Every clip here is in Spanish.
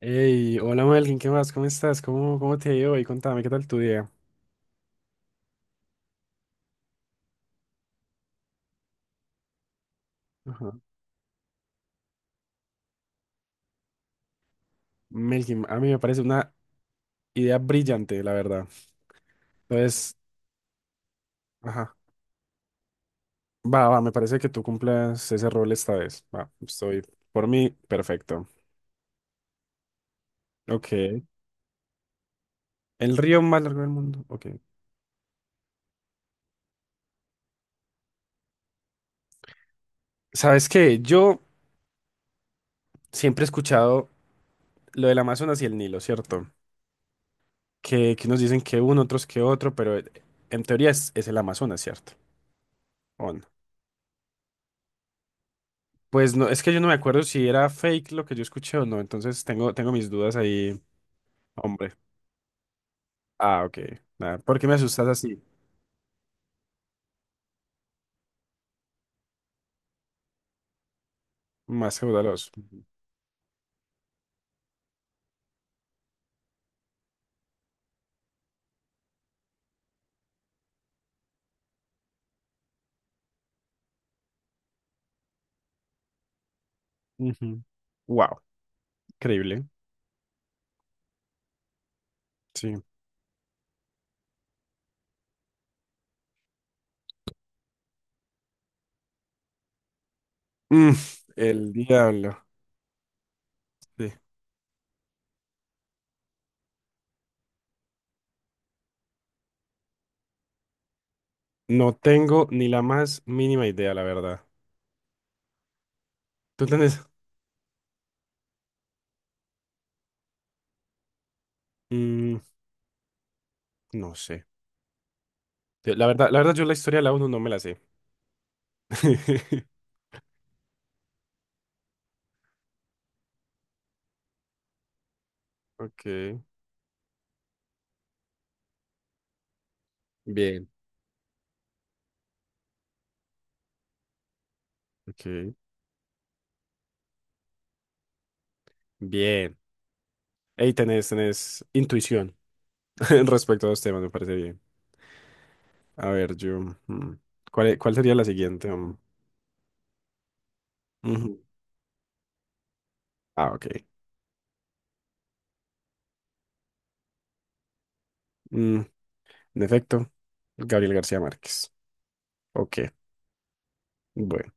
Hey, hola Melkin, ¿qué más? ¿Cómo estás? ¿Cómo te ha ido hoy? Contame, ¿qué tal tu día? Ajá. Melkin, a mí me parece una idea brillante, la verdad. Entonces, ajá. Va, va, me parece que tú cumplas ese rol esta vez. Va, estoy por mí, perfecto. Ok. El río más largo del mundo. Ok. ¿Sabes qué? Yo siempre he escuchado lo del Amazonas y el Nilo, ¿cierto? Que unos dicen que uno, otros que otro, pero en teoría es el Amazonas, ¿cierto? ¿O no? Pues no, es que yo no me acuerdo si era fake lo que yo escuché o no, entonces tengo mis dudas ahí, hombre. Ah, ok. Nada, ¿por qué me asustas así? Más caudaloso. Ujú. Wow, increíble. Sí. Mm, el diablo. Sí. No tengo ni la más mínima idea, la verdad. ¿Tú tenés? Mm, no sé. La verdad, yo la historia de la uno no me la sé. Ok. Bien. Ok. Bien. Ahí tenés, tenés intuición respecto a los temas, me parece bien. A ver, yo. mm, ¿Cuál, cuál sería la siguiente? Mm, ujú. Ah, ok. Mm, en efecto, Gabriel García Márquez. Ok, bueno.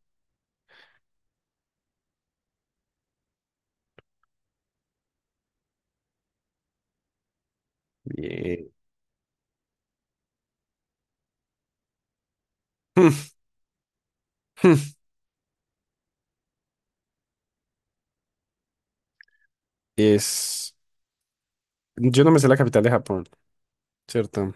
Bien. Mm, mm, Es. Yo no me sé la capital de Japón, ¿cierto?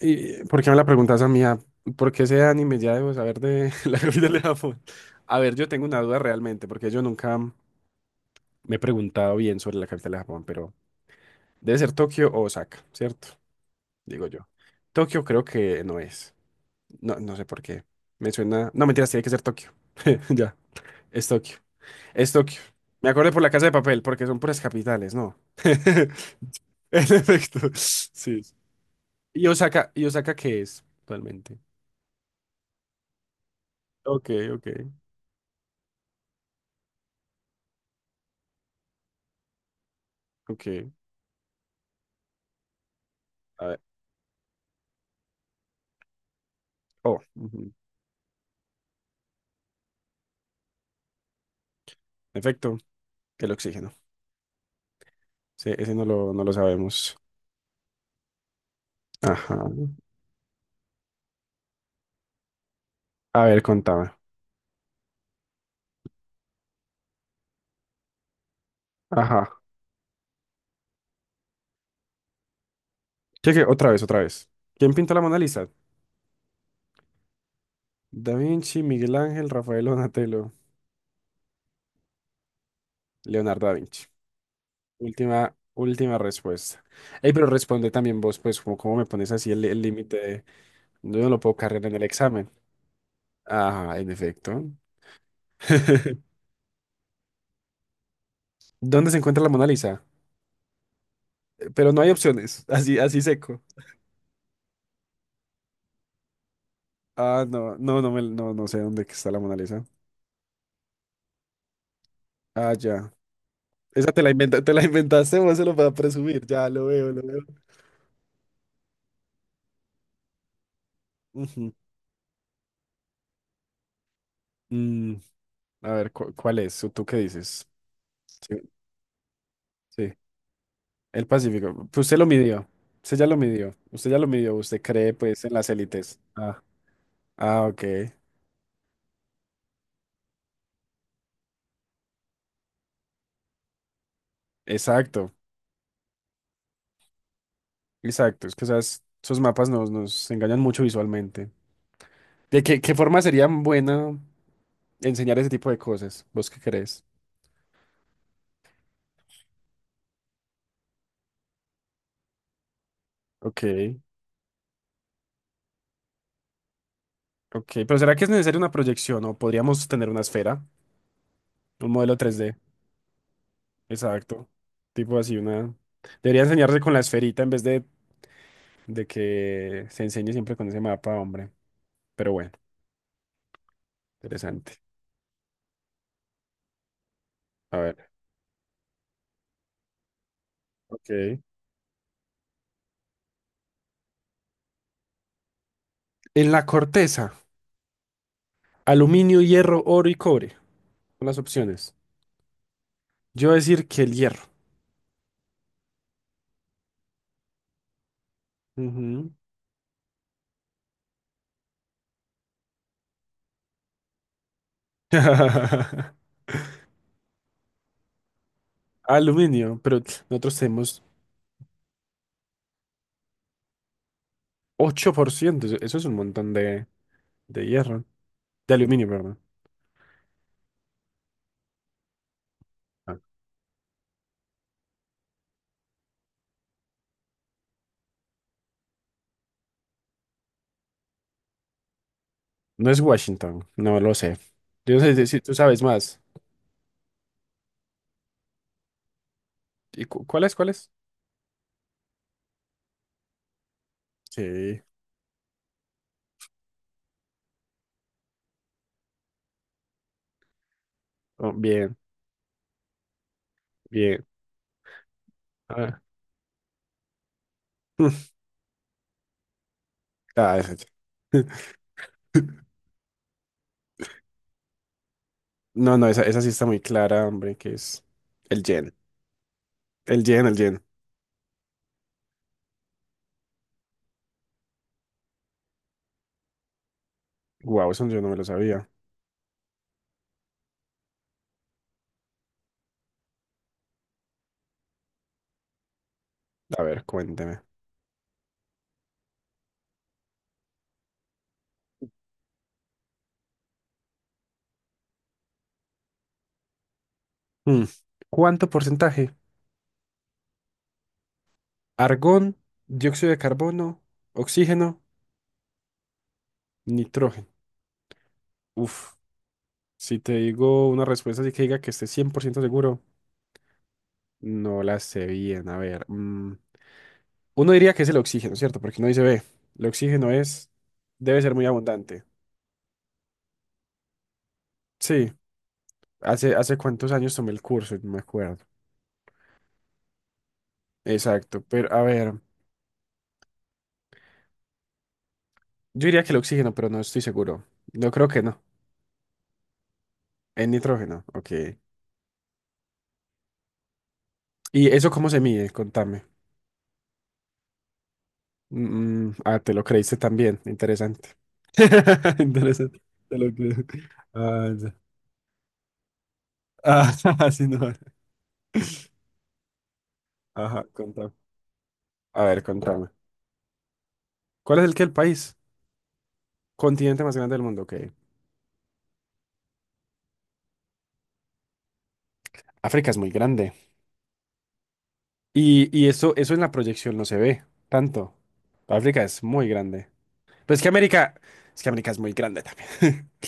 ¿Y por qué me la preguntas a mí? Ah, ¿por qué ese anime ya debo saber de la capital de Japón? A ver, yo tengo una duda realmente, porque yo nunca me he preguntado bien sobre la capital de Japón, pero debe ser Tokio o Osaka, ¿cierto? Digo yo. Tokio creo que no es. No, no sé por qué. Me suena. No, mentiras, tiene que ser Tokio. Ya, es Tokio. Es Tokio. Me acordé por la Casa de Papel, porque son puras capitales, ¿no? En efecto. Sí. ¿Y Osaka qué es realmente? Ok, ok, ok. A ver. Oh, ujú. En efecto, el oxígeno. Sí, ese no lo sabemos. Ajá. A ver, contame. Ajá. ¿Qué, qué? Otra vez, otra vez. ¿Quién pintó la Mona Lisa? Da Vinci, Miguel Ángel, Rafael Donatello, Leonardo da Vinci. Última, última respuesta. Ey, pero responde también vos, pues, como cómo me pones así el límite de- Yo no lo puedo cargar en el examen. Ajá, en efecto. ¿Dónde se encuentra la Mona Lisa? Pero no hay opciones, así, así seco. Ah, no, no, no, no, no sé dónde que está la Mona Lisa. Ah, ya. Esa te la inventaste, vos se lo vas a presumir. Ya, lo veo, lo veo. Ujú. Mm, a ver, ¿cuál es? ¿O ¿Tú qué dices? Sí, sí. El Pacífico. Pues usted lo midió. Usted ya lo midió. Usted ya lo midió. Usted cree, pues, en las élites. Ah. Ah, ok. Exacto. Exacto. Es que esos mapas nos engañan mucho visualmente. ¿De qué forma sería buena enseñar ese tipo de cosas? ¿Vos qué crees? Ok. Ok. Pero ¿será que es necesaria una proyección o podríamos tener una esfera? Un modelo 3D. Exacto. Tipo así, una... Debería enseñarse con la esferita en vez de que se enseñe siempre con ese mapa, hombre. Pero bueno, interesante. A ver, ok. En la corteza, aluminio, hierro, oro y cobre. Son las opciones. Yo voy a decir que el hierro. Ujú. Aluminio, pero nosotros tenemos 8%. Eso es un montón de hierro. De aluminio, perdón. Ah, no es Washington, no lo sé. Yo no sé si tú sabes más. ¿Y cuál es? ¿Cuál es? Sí. Oh, bien, bien. Ah, ah, esa no, no, esa sí está muy clara, hombre, que es el yen. El yen, el yen. Wow, eso yo no me lo sabía. A ver, cuénteme. Mm, ¿Cuánto porcentaje? Argón, dióxido de carbono, oxígeno, nitrógeno. Uf, si te digo una respuesta así que diga que esté 100% seguro, no la sé bien. A ver, uno diría que es el oxígeno, ¿cierto? Porque uno dice, ve, el oxígeno es, debe ser muy abundante. Sí, hace cuántos años tomé el curso, no me acuerdo. Exacto, pero a ver, yo diría que el oxígeno, pero no estoy seguro. No creo que no. El nitrógeno, ok. ¿Y eso cómo se mide? Contame. Ah, te lo creíste también. Interesante. Interesante. Te lo creo. Ah, ya. Ah, sí, no. Ajá, contame. A ver, contame. ¿Cuál es el país? Continente más grande del mundo. Ok. África es muy grande. Y eso en la proyección no se ve tanto. África es muy grande. Pero es que América es muy grande también.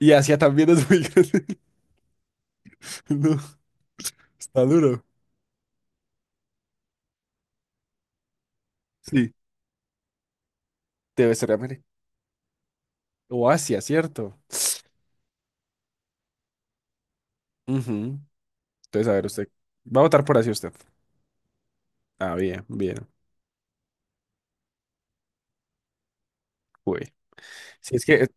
Y Asia también es muy grande. No, está duro. Sí. Debe ser América. O Asia, ¿cierto? Ujú. Entonces, a ver, usted va a votar por así usted. Ah, bien, bien. Uy. Sí, es que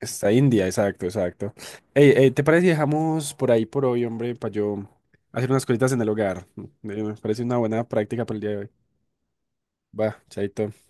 está India, exacto, exacto. Ey, ey, ¿te parece si dejamos por ahí por hoy, hombre, para yo hacer unas cositas en el hogar? Me parece una buena práctica para el día de hoy. Va, chaito.